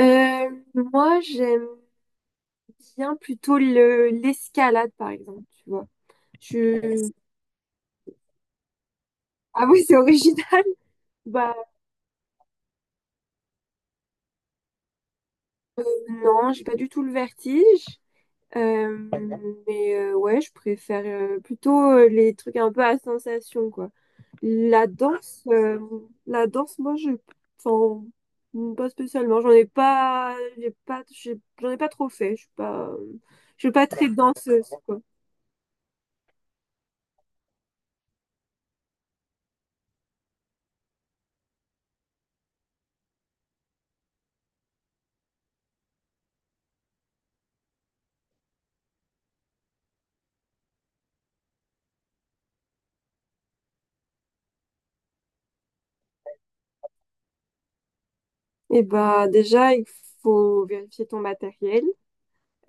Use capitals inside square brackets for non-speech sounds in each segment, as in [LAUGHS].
Moi, j'aime bien plutôt le l'escalade, par exemple, tu vois. Je... Ah oui, c'est original. [LAUGHS] Bah non, j'ai pas du tout le vertige. Euh, mais ouais, je préfère plutôt les trucs un peu à sensation, quoi. La danse, euh, la danse, moi. Enfin, pas spécialement. J'en ai pas trop fait. Je suis pas très danseuse, quoi. Eh ben, déjà, il faut vérifier ton matériel.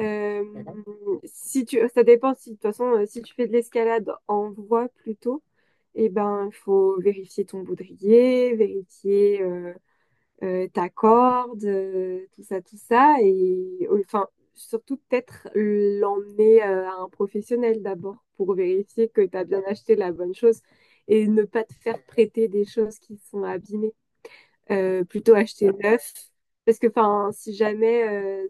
Mhm. si tu, Ça dépend si, de toute façon, si tu fais de l'escalade en voie plutôt, eh ben, il faut vérifier ton baudrier, vérifier ta corde, tout ça, tout ça. Et enfin, surtout peut-être l'emmener à un professionnel d'abord pour vérifier que tu as bien acheté la bonne chose et ne pas te faire prêter des choses qui sont abîmées. Plutôt acheter neuf. Parce que enfin, si jamais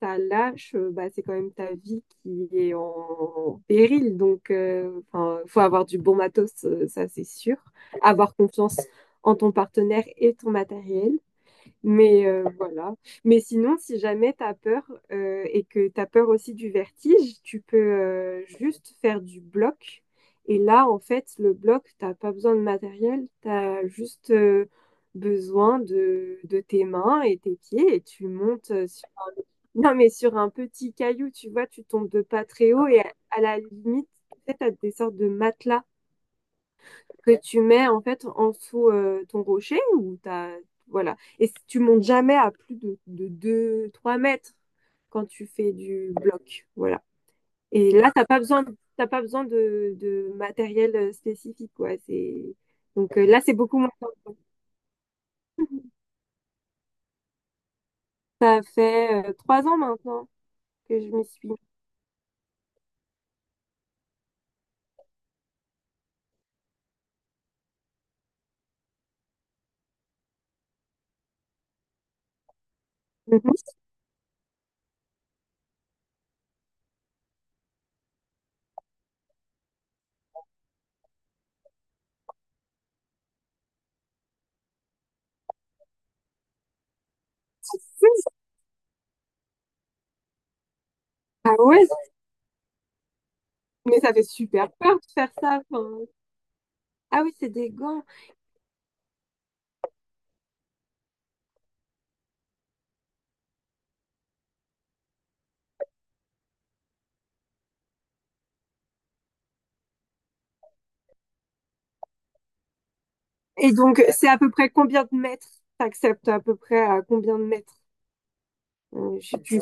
ça lâche, bah, c'est quand même ta vie qui est en péril. Donc, enfin, faut avoir du bon matos, ça c'est sûr. Avoir confiance en ton partenaire et ton matériel. Mais voilà. Mais sinon, si jamais tu as peur et que tu as peur aussi du vertige, tu peux juste faire du bloc. Et là, en fait, le bloc, t'as pas besoin de matériel, tu as juste besoin de tes mains et tes pieds et tu montes sur [LAUGHS] Non, mais sur un petit caillou, tu vois, tu tombes de pas très haut et à la limite, peut-être t'as des sortes de matelas que tu mets en fait en dessous ton rocher ou t'as voilà. Et si tu montes jamais à plus de 2 3 mètres quand tu fais du bloc, voilà. Et là t'as pas besoin de matériel spécifique, quoi. C'est donc, là, c'est beaucoup moins. Ça fait 3 ans maintenant que je m'y suis. Mhm. Ah ouais. Mais ça fait super peur de faire ça, enfin. Ah oui, c'est des gants. Et donc, c'est à peu près combien de mètres? T'acceptes à peu près à combien de mètres? Je sais.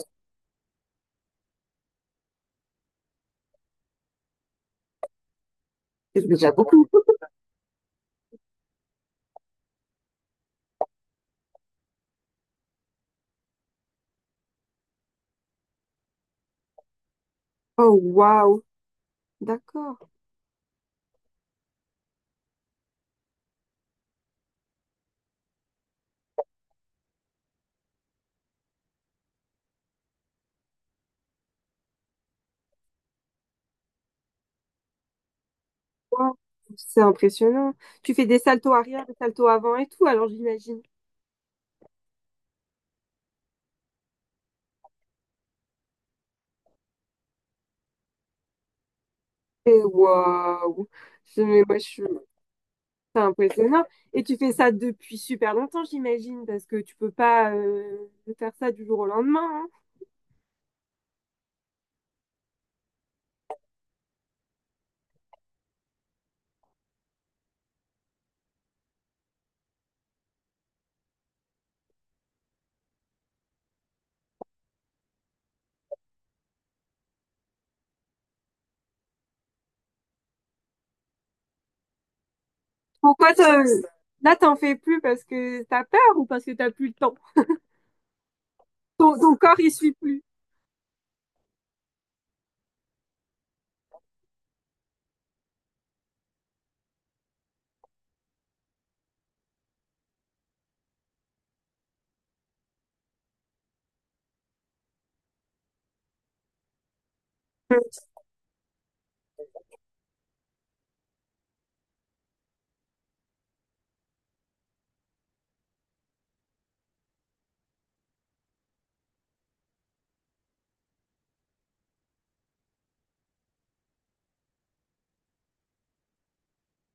C'est déjà beaucoup. [LAUGHS] Oh, waouh. D'accord. Waouh. C'est impressionnant. Tu fais des saltos arrière, des saltos avant et tout, alors j'imagine. Et waouh. Mais moi. C'est impressionnant. Et tu fais ça depuis super longtemps, j'imagine, parce que tu peux pas faire ça du jour au lendemain, hein. Pourquoi t'en- Là, t'en fais plus parce que t'as peur ou parce que t'as plus le temps? Ton corps, il suit plus.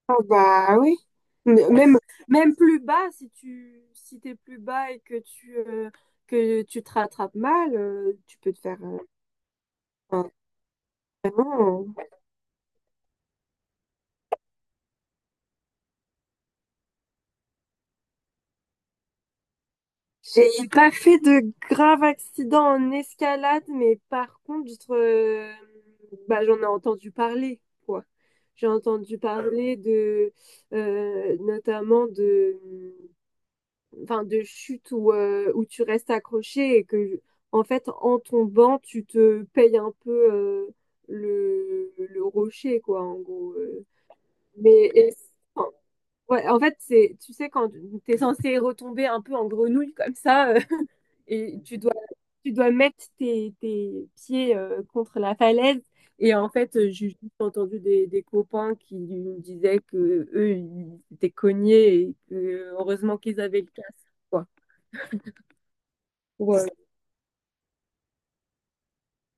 Ah bah oui. M- Même, Même plus bas, si t'es plus bas et que tu te rattrapes mal, tu peux te faire un- vraiment. J'ai pas fait de grave accident en escalade, mais par contre, bah, j'en ai entendu parler, quoi. J'ai entendu parler de notamment de enfin, de chute où tu restes accroché et que, en fait, en tombant, tu te payes un peu le rocher, quoi, en gros. Mais et- enfin, ouais, en fait, tu sais, quand tu es censé retomber un peu en grenouille comme ça. [LAUGHS] Et tu dois mettre tes pieds contre la falaise. Et en fait, j'ai juste entendu des copains qui me disaient que eux, ils étaient cognés et que heureusement qu'ils avaient le casque, quoi. Pour, euh,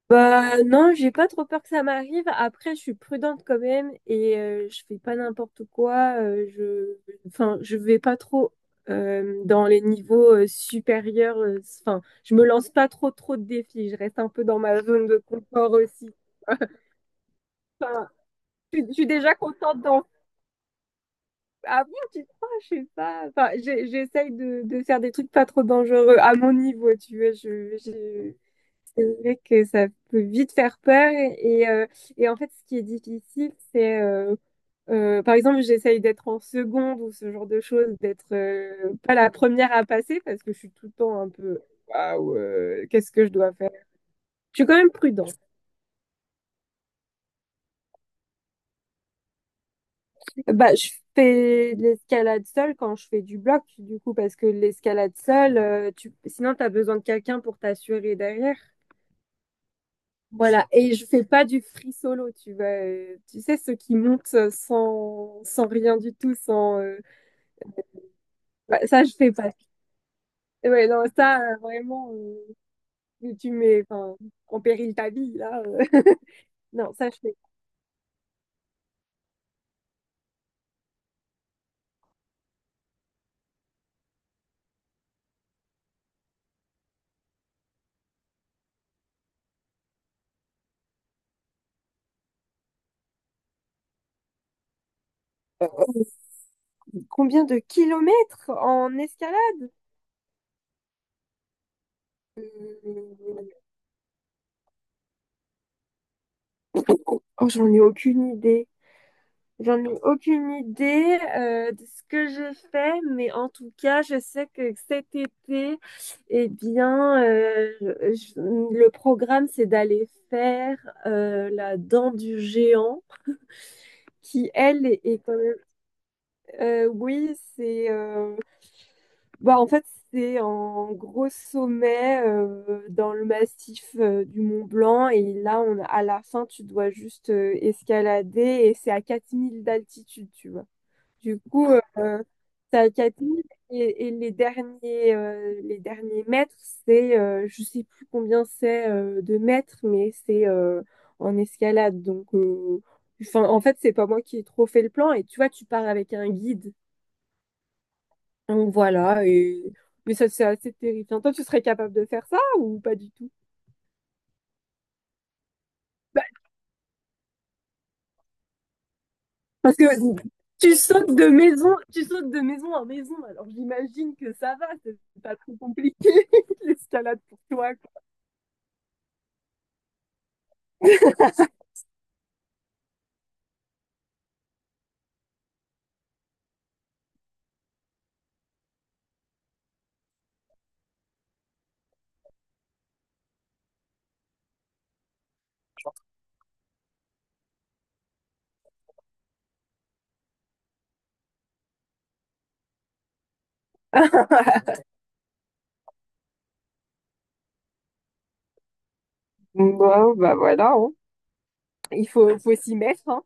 Bah non, j'ai pas trop peur que ça m'arrive. Après, je suis prudente quand même et je fais pas n'importe quoi. Enfin, je vais pas trop dans les niveaux supérieurs. Enfin, je me lance pas trop trop de défis. Je reste un peu dans ma zone de confort aussi. [LAUGHS] Enfin, je suis déjà contente d'en. Ah bon, tu crois? Je sais pas. Enfin, j'essaye de faire des trucs pas trop dangereux à mon niveau, tu vois. C'est vrai que ça peut vite faire peur et, euh, et, en fait, ce qui est difficile, c'est par exemple, j'essaye d'être en seconde ou ce genre de choses, d'être pas la première à passer parce que je suis tout le temps un peu waouh, qu'est-ce que je dois faire? Je suis quand même prudente. Bah, je fais de l'escalade seule quand je fais du bloc, du coup, parce que l'escalade seule, tu sinon t'as besoin de quelqu'un pour t'assurer derrière. Voilà, et je fais pas du free solo, tu vois. Tu sais, ceux qui montent sans rien du tout, sans... bah, ça, je fais pas. Ouais, non, ça, vraiment, tu mets, enfin, en péril ta vie, là. [LAUGHS] Non, ça, je fais. Euh, Combien de kilomètres en escalade? Euh, Oh j'en ai aucune idée. J'en ai aucune idée de ce que j'ai fait, mais en tout cas, je sais que cet été, eh bien, le programme, c'est d'aller faire la dent du géant, qui, elle, est quand même... oui, bah, en fait, c'est en gros sommet dans le massif du Mont Blanc, et là, à la fin, tu dois juste escalader, et c'est à 4 000 d'altitude, tu vois. Du coup, euh, c'est à et les derniers mètres, je sais plus combien c'est de mètres, mais c'est en escalade. Donc, enfin, en fait, c'est pas moi qui ai trop fait le plan. Et tu vois, tu pars avec un guide. Donc voilà. Mais ça, c'est assez terrifiant. Toi, tu serais capable de faire ça ou pas du tout? Bah, parce que tu sautes de maison en maison. Alors j'imagine que ça va, c'est pas trop compliqué [LAUGHS] l'escalade pour toi. [LAUGHS] Bon, bah voilà, hein. Faut s'y mettre, hein.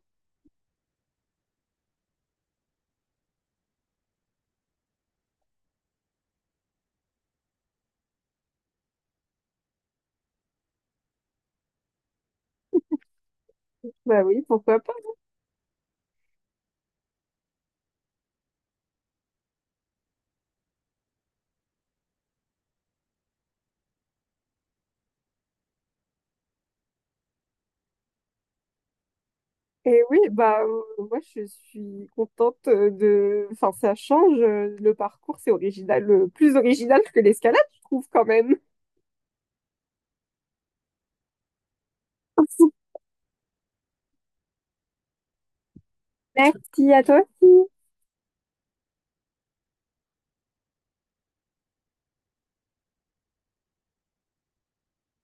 Bah oui, pourquoi pas. Et oui, bah moi, je suis contente de... Enfin, ça change, le parcours, c'est original, plus original que l'escalade, je trouve quand même. [LAUGHS] Merci à toi aussi.